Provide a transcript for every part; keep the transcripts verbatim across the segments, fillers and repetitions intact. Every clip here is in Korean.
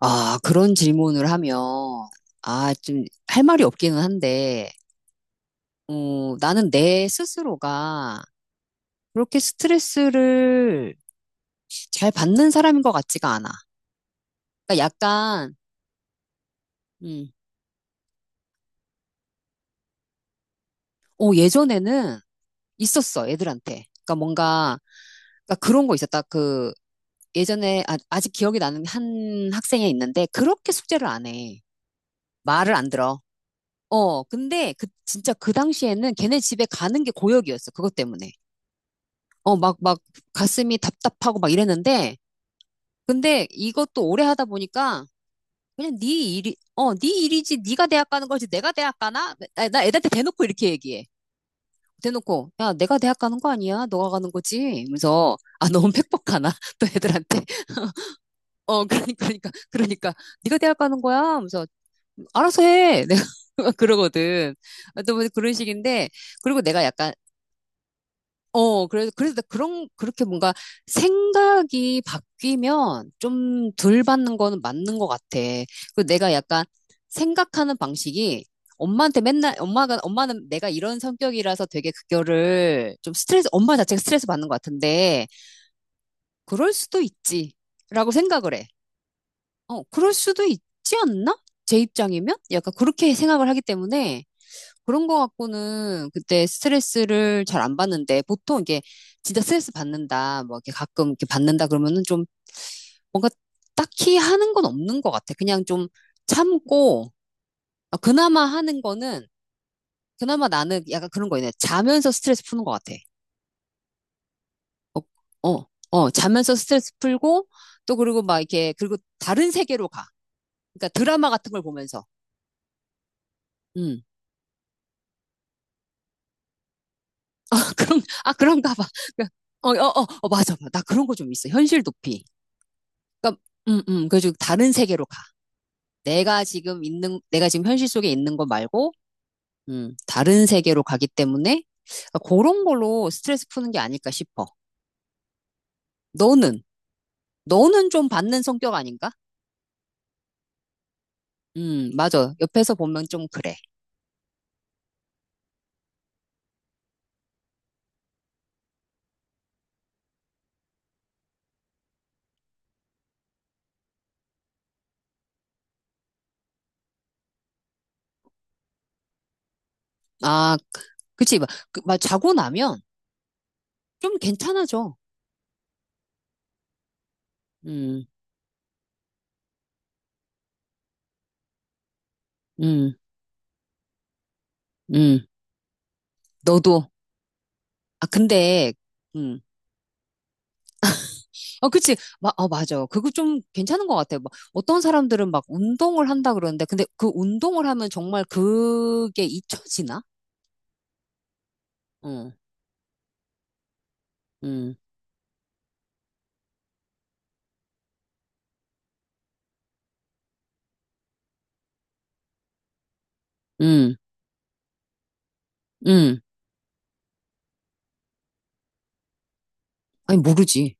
아, 그런 질문을 하면, 아, 좀 할 말이 없기는 한데, 어, 나는 내 스스로가 그렇게 스트레스를 잘 받는 사람인 것 같지가 않아. 그러니까 약간, 음, 어, 예전에는 있었어, 애들한테. 그러니까 뭔가, 그러니까 그런 거 있었다. 그, 예전에, 아, 아직 기억이 나는 한 학생이 있는데, 그렇게 숙제를 안 해. 말을 안 들어. 어, 근데 그, 진짜 그 당시에는 걔네 집에 가는 게 고역이었어, 그것 때문에. 어, 막, 막, 가슴이 답답하고 막 이랬는데, 근데 이것도 오래 하다 보니까, 그냥 네 일이, 어, 네 일이지, 네가 대학 가는 거지, 내가 대학 가나? 아, 나나 애들한테 대놓고 이렇게 얘기해. 대놓고, 야, 내가 대학 가는 거 아니야? 너가 가는 거지? 그래서, 아, 너무 팩폭하나? 또 애들한테. 어, 그러니까, 그러니까, 그러니까, 네가 대학 가는 거야? 그래서, 알아서 해. 내가 그러거든. 또 그런 식인데, 그리고 내가 약간 어, 그래서, 그래서 그런, 그렇게 뭔가 생각이 바뀌면 좀 덜 받는 거는 맞는 것 같아. 그 내가 약간 생각하는 방식이 엄마한테 맨날, 엄마가, 엄마는 내가 이런 성격이라서 되게 그거를 좀 스트레스, 엄마 자체가 스트레스 받는 것 같은데, 그럴 수도 있지. 라고 생각을 해. 어, 그럴 수도 있지 않나? 제 입장이면? 약간 그렇게 생각을 하기 때문에, 그런 거 갖고는 그때 스트레스를 잘 안 받는데 보통 이게 진짜 스트레스 받는다 뭐 이렇게 가끔 이렇게 받는다 그러면은 좀 뭔가 딱히 하는 건 없는 것 같아. 그냥 좀 참고 아, 그나마 하는 거는 그나마 나는 약간 그런 거 있네. 자면서 스트레스 푸는 것 같아. 어, 어, 어, 자면서 스트레스 풀고 또 그리고 막 이렇게 그리고 다른 세계로 가. 그러니까 드라마 같은 걸 보면서. 음. 아, 그런, 아, 그런가 봐. 그러니까 어, 어, 어, 어, 맞아. 맞아. 나 그런 거 좀 있어. 현실 도피. 그러니까, 음, 음, 그래서 다른 세계로 가. 내가 지금 있는, 내가 지금 현실 속에 있는 거 말고, 음, 다른 세계로 가기 때문에, 그러니까 그런 걸로 스트레스 푸는 게 아닐까 싶어. 너는, 너는 좀 받는 성격 아닌가? 음, 맞아. 옆에서 보면 좀 그래. 아, 그치. 막, 그, 막 자고 나면 좀 괜찮아져. 음, 음, 음. 너도. 아, 근데, 음. 어, 그치. 마, 어, 맞아. 그거 좀 괜찮은 것 같아요. 막 어떤 사람들은 막 운동을 한다 그러는데, 근데 그 운동을 하면 정말 그게 잊혀지나? 응, 응, 응, 응. 아니, 모르지.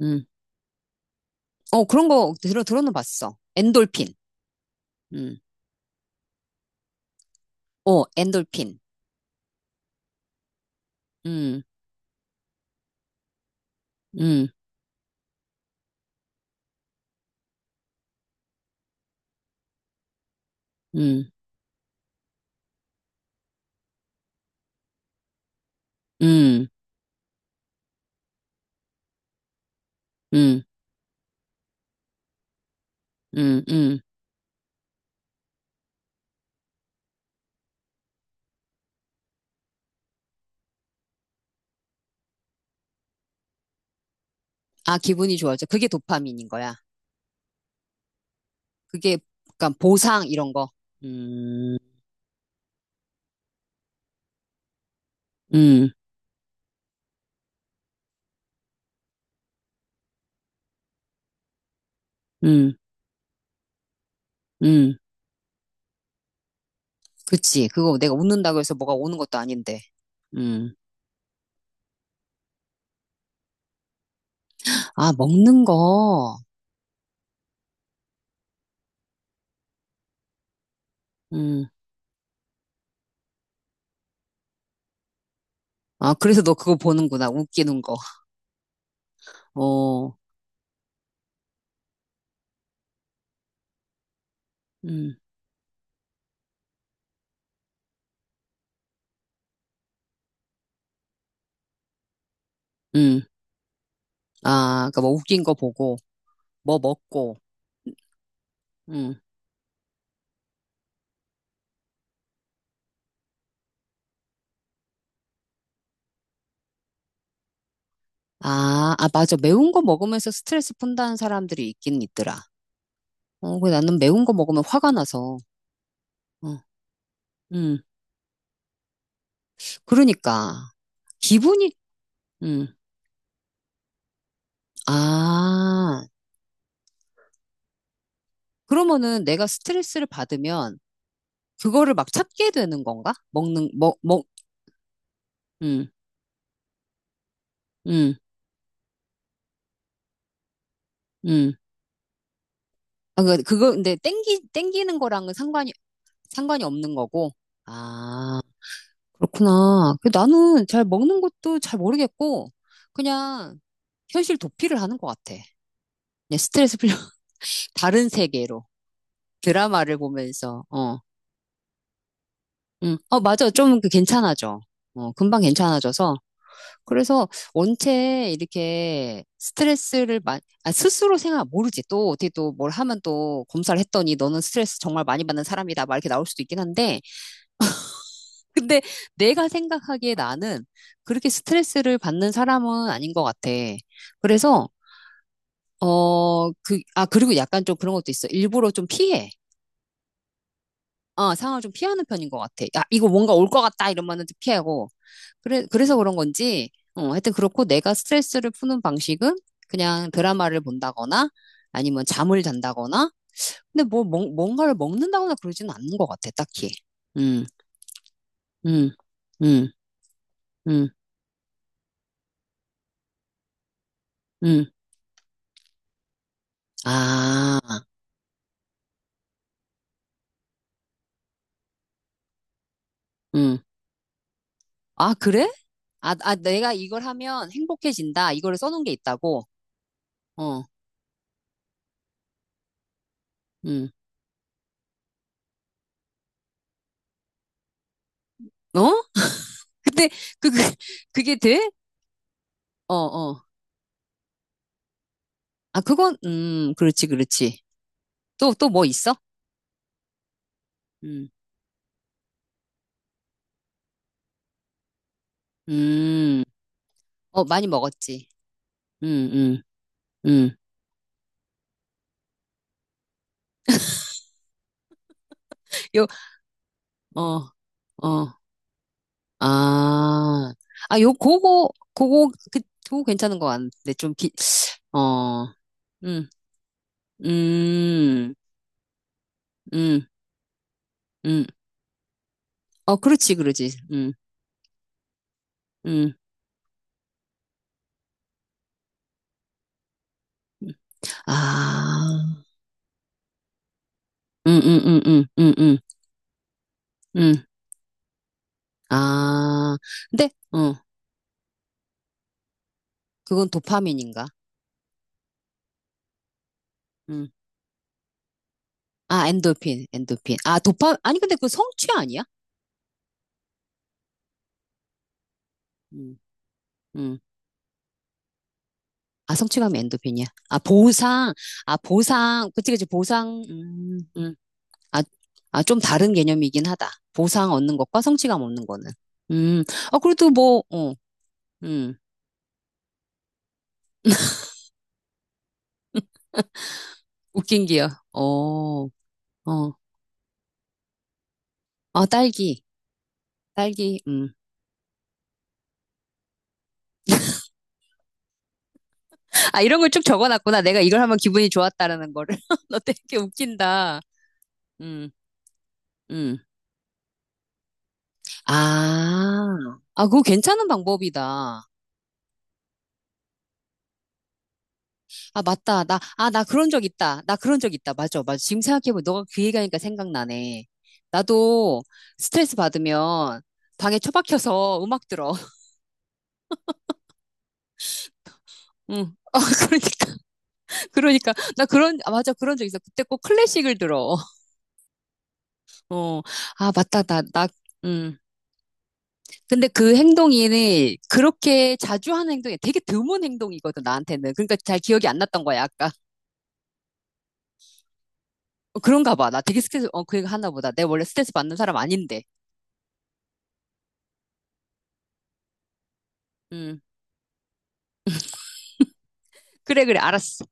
응. 어, 그런 거 들어, 들어는 봤어. 엔돌핀. 응. 어, 엔돌핀. 응, 응, 응, 응, 응, 응, 응. 아, 기분이 좋아져. 그게 도파민인 거야. 그게, 약간 보상, 이런 거. 음, 음, 음, 음. 그치. 그거 내가 웃는다고 해서 뭐가 오는 것도 아닌데. 음. 아, 먹는 거. 음. 아, 그래서 너 그거 보는구나. 웃기는 거. 어. 음. 음. 아, 그니까 뭐 웃긴 거 보고, 뭐 먹고. 음. 아, 아, 맞아. 매운 거 먹으면서 스트레스 푼다는 사람들이 있긴 있더라. 어, 근데 나는 매운 거 먹으면 화가 나서. 어. 음. 그러니까. 기분이, 음. 아. 그러면은 내가 스트레스를 받으면 그거를 막 찾게 되는 건가? 먹는, 먹, 먹, 음, 음, 음. 아, 그, 그거, 근데 땡기, 땡기는 거랑은 상관이, 상관이 없는 거고. 아, 그렇구나. 그 나는 잘 먹는 것도 잘 모르겠고, 그냥 현실 도피를 하는 것 같아. 그냥 스트레스 풀려. 다른 세계로. 드라마를 보면서, 어, 음. 어, 맞아. 좀 그 괜찮아져. 어, 금방 괜찮아져서. 그래서 원체 이렇게 스트레스를 마, 아, 스스로 생각, 모르지. 또 어떻게 또 뭘 하면 또 검사를 했더니 너는 스트레스 정말 많이 받는 사람이다. 막 이렇게 나올 수도 있긴 한데. 근데 내가 생각하기에 나는 그렇게 스트레스를 받는 사람은 아닌 것 같아. 그래서, 어, 그, 아, 그리고 약간 좀 그런 것도 있어. 일부러 좀 피해. 어, 상황을 좀 피하는 편인 것 같아. 야, 이거 뭔가 올 것 같다 이러면은 피하고. 그래, 그래서 그런 건지, 어, 하여튼 그렇고 내가 스트레스를 푸는 방식은 그냥 드라마를 본다거나 아니면 잠을 잔다거나. 근데 뭐, 뭔- 뭔가를 먹는다거나 그러지는 않는 것 같아, 딱히. 음, 음, 음, 음, 음. 아, 음. 아, 그래? 아, 아, 내가 이걸 하면 행복해진다. 이거를 써놓은 게 있다고. 어, 음. 어? 근데 그, 그, 그게 돼? 어, 어. 아, 그건, 음, 그렇지, 그렇지. 또, 또 뭐 있어? 음, 음, 어, 많이 먹었지. 음, 음, 음. 요, 어, 어, 아, 아, 요, 그거, 그거, 그, 그거 괜찮은 거 같은데, 좀 비, 어, 음, 음, 음, 음. 어, 그렇지, 그렇지. 음, 음. 아, 음, 음, 음, 음, 음, 음, 음. 아, 근데, 어, 그건 도파민인가? 음. 아, 엔도핀, 엔도핀. 아, 도파, 아니, 근데 그 성취 아니야? 음, 음. 아, 성취감이 엔도핀이야. 아, 보상, 아, 보상. 그치, 그치, 보상. 음, 음. 아, 아, 좀 다른 개념이긴 하다. 보상 얻는 것과 성취감 얻는 거는. 음, 아, 그래도 뭐, 어, 음, 웃긴 기요. 어, 어. 아, 딸기, 딸기, 음. 아, 이런 걸 쭉 적어놨구나. 내가 이걸 하면 기분이 좋았다라는 거를. 너 되게 웃긴다. 음, 음. 아, 아, 그거 괜찮은 방법이다. 아, 맞다. 나, 아, 나 그런 적 있다. 나 그런 적 있다. 맞아, 맞아. 지금 생각해보면 너가 그 얘기하니까 생각나네. 나도 스트레스 받으면 방에 처박혀서 음악 들어. 응. 아, 그러니까, 그러니까. 나 그런, 아, 맞아. 그런 적 있어. 그때 꼭 클래식을 들어. 어. 아, 맞다. 나, 나, 음. 근데 그 행동이 그렇게 자주 하는 행동이 되게 드문 행동이거든, 나한테는. 그러니까 잘 기억이 안 났던 거야, 아까. 어, 그런가 봐. 나 되게 스트레스, 어, 그 얘기 하나 보다. 내가 원래 스트레스 받는 사람 아닌데. 음. 그래, 그래, 알았어.